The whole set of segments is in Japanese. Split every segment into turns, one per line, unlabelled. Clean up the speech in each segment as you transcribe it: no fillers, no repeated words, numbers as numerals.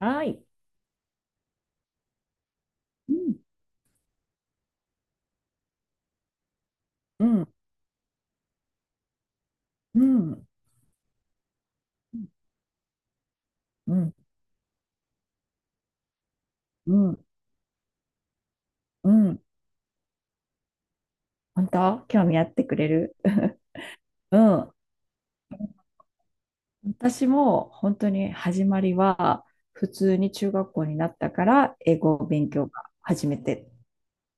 はい。うん、うん、うん、うん、うん、うん。うん、本当興味あってくれる うん。私も本当に始まりは、普通に中学校になったから、英語を勉強が初めて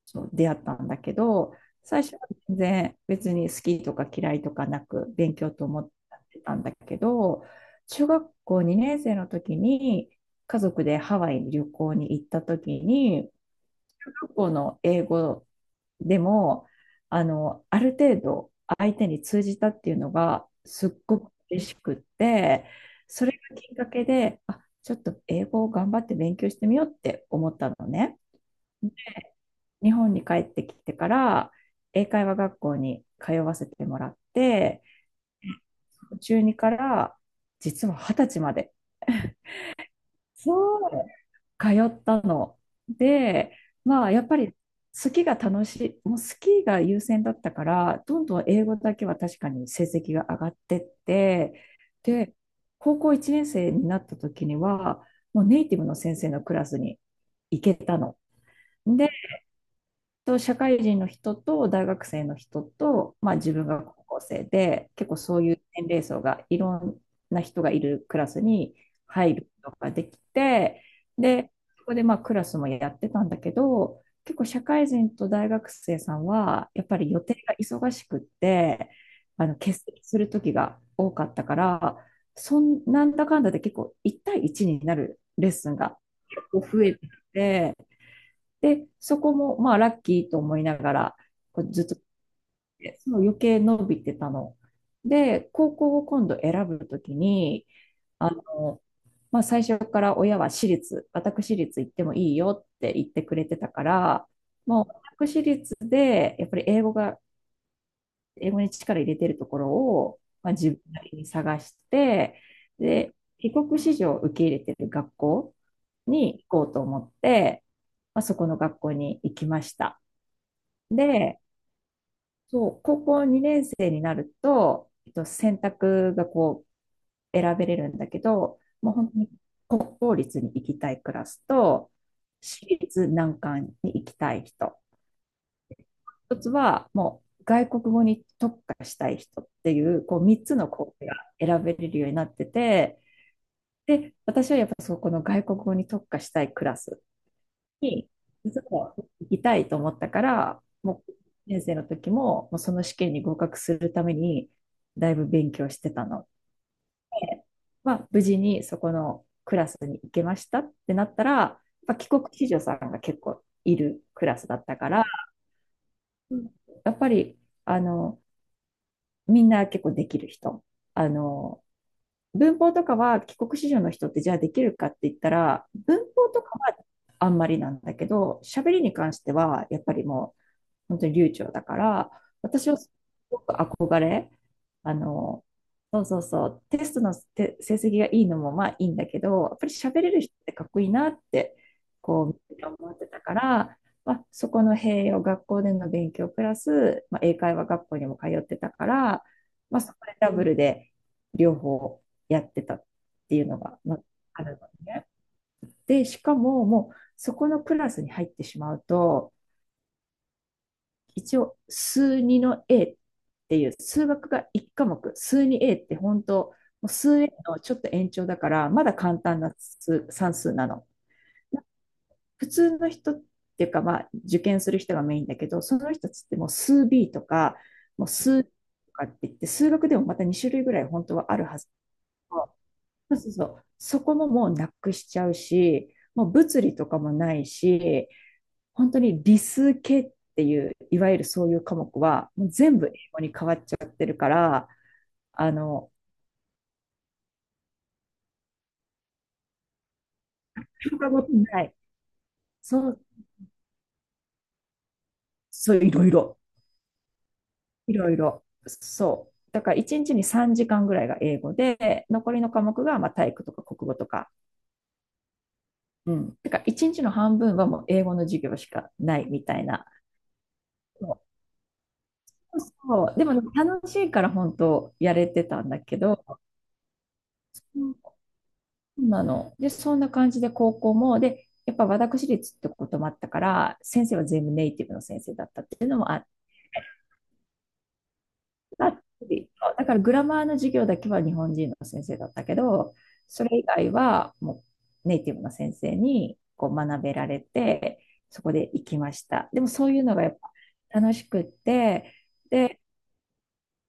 そう出会ったんだけど、最初は全然別に好きとか嫌いとかなく勉強と思ってたんだけど、中学校2年生の時に家族でハワイに旅行に行った時に、中学校の英語でも、ある程度相手に通じたっていうのがすっごく嬉しくって、それがきっかけで、あ、ちょっと英語を頑張って勉強してみようって思ったのね。日本に帰ってきてから、英会話学校に通わせてもらって、中2から実は20歳まで。そう通ったの。で、まあ、やっぱりスキーが楽しい、もうスキーが優先だったから、どんどん英語だけは確かに成績が上がってって、で、高校1年生になった時には、もうネイティブの先生のクラスに行けたの。と社会人の人と大学生の人と、まあ、自分が高校生で結構そういう年齢層がいろんな人がいるクラスに入ることができて、で、そこでまあクラスもやってたんだけど、結構社会人と大学生さんはやっぱり予定が忙しくって、欠席する時が多かったから、そんなんだかんだで結構1対1になるレッスンが増えてて。で、そこも、まあ、ラッキーと思いながら、こうずっと、その余計伸びてたの。で、高校を今度選ぶときに、あの、まあ、最初から親は私立行ってもいいよって言ってくれてたから、もう私立で、やっぱり英語が、英語に力入れてるところを、まあ、自分なりに探して、で、帰国子女を受け入れてる学校に行こうと思って、まあ、そこの学校に行きました。で、そう、高校2年生になると、選択がこう選べれるんだけど、もう本当に国公立に行きたいクラスと、私立難関に行きたい人、一つはもう外国語に特化したい人っていう、こう3つのコースが選べれるようになってて、で、私はやっぱそこの外国語に特化したいクラスに、実は行きたいと思ったから、もう、先生の時も、もうその試験に合格するために、だいぶ勉強してたので、まあ、無事にそこのクラスに行けましたってなったら、やっぱ帰国子女さんが結構いるクラスだったから、やっぱり、あの、みんな結構できる人。あの、文法とかは帰国子女の人ってじゃあできるかって言ったら、文法とかはあんまりなんだけど、喋りに関してはやっぱりも本当に流暢だから、私はすごく憧れ、あの、そうそうそう、テストのて成績がいいのもまあいいんだけど、やっぱり喋れる人ってかっこいいなって、こう、思ってたから、まあ、そこの併用、学校での勉強プラス、まあ、英会話学校にも通ってたから、まあ、そこでダブルで両方やってたっていうのが、まあ、あるのね。で、しかも、もう、そこのクラスに入ってしまうと、一応数2の A っていう数学が1科目、数 2A って本当、もう数 A のちょっと延長だから、まだ簡単な数算数なの。普通の人っていうか、まあ、受験する人がメインだけど、その人たちってもう数 B とか、もう数とかって言って、数学でもまた2種類ぐらい本当はあるはず。そうそうそう。そこももうなくしちゃうし、もう物理とかもないし、本当に理数系っていう、いわゆるそういう科目は、もう全部英語に変わっちゃうから、あの、教科ごとにない。そう、そう、いろいろ。いろいろ。そう。だから1日に3時間ぐらいが英語で、残りの科目がまあ体育とか国語とか。うん。だから1日の半分はもう英語の授業しかないみたいな。そうそう。でも楽しいから本当やれてたんだけど、そうなの。で、そんな感じで高校も、で、やっぱ私立ってこともあったから、先生は全部ネイティブの先生だったっていうのもあったり、だからグラマーの授業だけは日本人の先生だったけど、それ以外はもうネイティブの先生にこう学べられて、そこで行きました。でもそういうのがやっぱ楽しくって、で、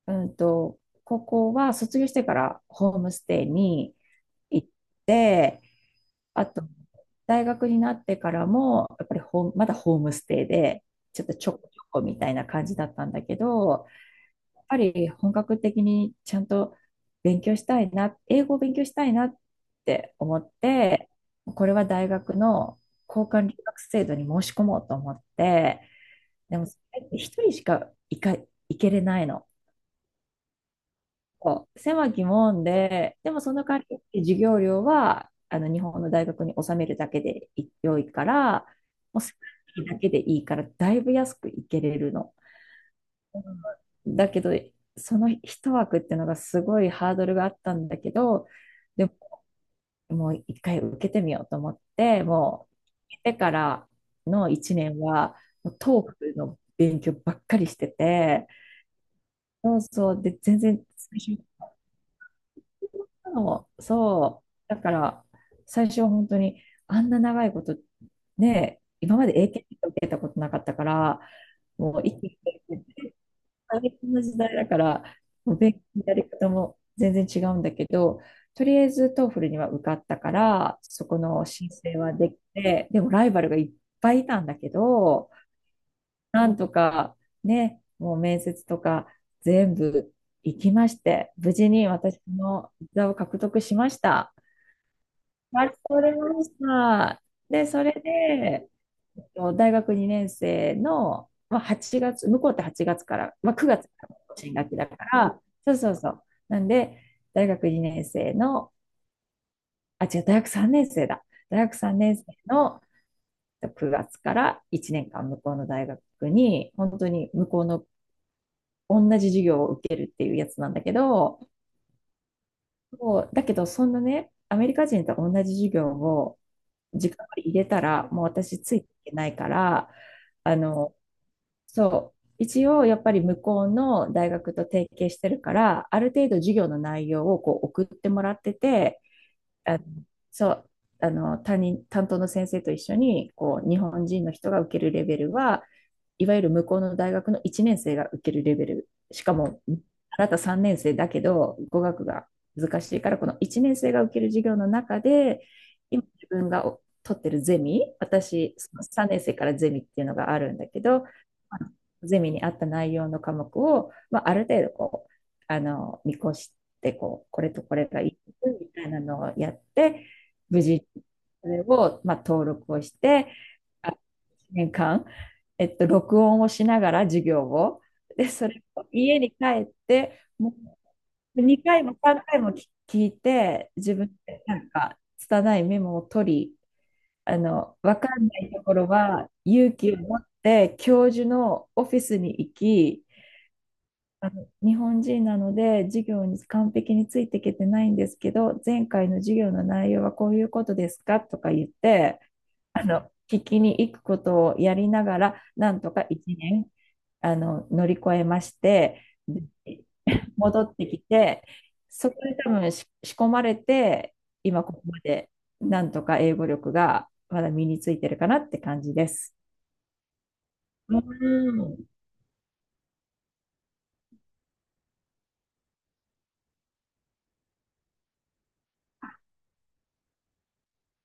うんと、高校は卒業してからホームステイに行って、あと、大学になってからも、やっぱりホームまだホームステイで、ちょっとちょこちょこみたいな感じだったんだけど、やっぱり本格的にちゃんと勉強したいな、英語を勉強したいなって思って、これは大学の交換留学制度に申し込もうと思って、でもそれって一人しか行けれないの。そう狭き門で、でもその代わり授業料は日本の大学に納めるだけで良いから、もう少しだけでいいから、だいぶ安くいけれるの。うん、だけど、その一枠っていうのがすごいハードルがあったんだけど、でも、もう一回受けてみようと思って、もう、受けてからの一年は、もうトークの勉強ばっかりしてて、そうそう、で、全然最初そう、そうだから、最初は本当に、あんな長いこと、ね、今まで英検とか受けたことなかったから、もう一気に勉強して大変な時代だから、もう勉強のやり方も全然違うんだけど、とりあえず TOEFL には受かったから、そこの申請はできて、でもライバルがいっぱいいたんだけど、なんとかね、もう面接とか全部行きまして、無事に私の座を獲得しました。待ち取れました。で、それで、大学2年生の、まあ、8月、向こうって8月から、まあ、9月から新学期だから、そうそうそう。なんで、大学2年生の、あ、違う、大学3年生だ。大学3年生の9月から1年間向こうの大学に、本当に向こうの同じ授業を受けるっていうやつなんだけど、もうだけど、そんなね、アメリカ人と同じ授業を時間を入れたら、もう私ついていけないから、あの、そう、一応やっぱり向こうの大学と提携してるから、ある程度授業の内容をこう送ってもらってて、あ、そう、担任担当の先生と一緒にこう日本人の人が受けるレベルはいわゆる向こうの大学の1年生が受けるレベル、しかも、まあ、なた3年生だけど語学が難しいから、この1年生が受ける授業の中で今自分が取ってるゼミ、私そ3年生からゼミっていうのがあるんだけど、ゼミに合った内容の科目を、まあ、ある程度こう見越してこうこれとこれがいいみたいなのをやって、無事、それを、まあ、登録をして、あ、一年間、録音をしながら授業を、で、それを家に帰って、もう2回も3回も聞いて、自分でなんか、拙いメモを取り、わかんないところは勇気を持って、教授のオフィスに行き、日本人なので授業に完璧についていけてないんですけど、前回の授業の内容はこういうことですかとか言って、聞きに行くことをやりながら、なんとか1年、乗り越えまして、で戻ってきて、そこで多分仕込まれて、今ここまでなんとか英語力がまだ身についてるかなって感じです。うん、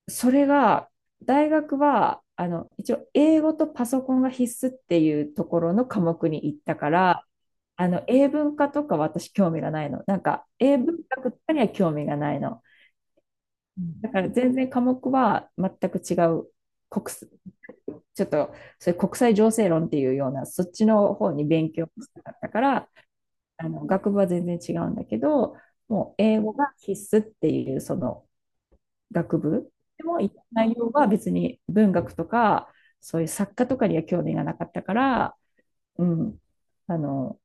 それが、大学は、一応、英語とパソコンが必須っていうところの科目に行ったから、英文化とか私興味がないの。なんか、英文学とかには興味がないの。うん、だから全然科目は全く違う国す、ちょっとそれ国際情勢論っていうようなそっちの方に勉強したかったから、学部は全然違うんだけど、もう英語が必須っていうその学部、でも行った内容は別に文学とか、そういう作家とかには興味がなかったから、うん、あの、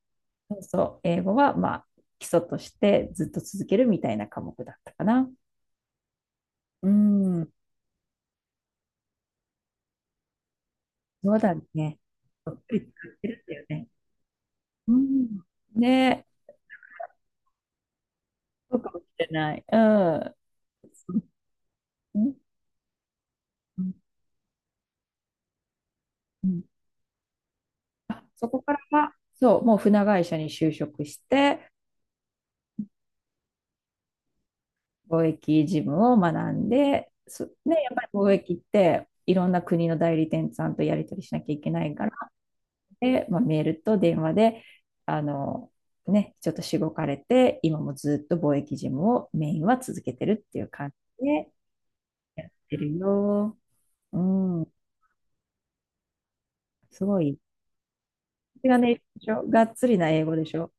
そう、英語はまあ基礎としてずっと続けるみたいな科目だったかな。うん、そうだね。そっくり使ってるんだよね。うん。ね、そうかもしれない。うん。うん、うん、うん、あ、そこからは、そう、もう船会社に就職して、貿易事務を学んで、そ、ね、やっぱり貿易っていろんな国の代理店さんとやり取りしなきゃいけないから、で、まあ、メールと電話で、あの、ね、ちょっとしごかれて、今もずっと貿易事務をメインは続けてるっていう感じでやってるよ。うん、すごい。それがね、でしょがっつりな英語でしょ。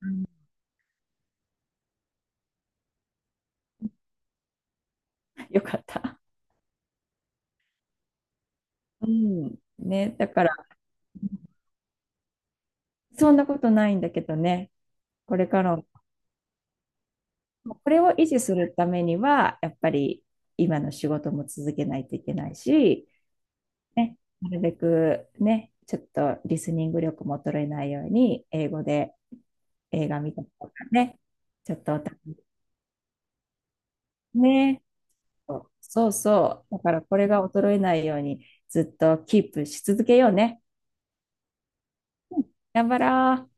うん、よかった。うん、ね、だから、そんなことないんだけどね、これからこれを維持するためには、やっぱり今の仕事も続けないといけないし、ね、なるべくね、ちょっとリスニング力も衰えないように、英語で映画見たりとかね、ちょっとお互いね、そうそうそう、だからこれが衰えないようにずっとキープし続けようね。うん、頑張ろう。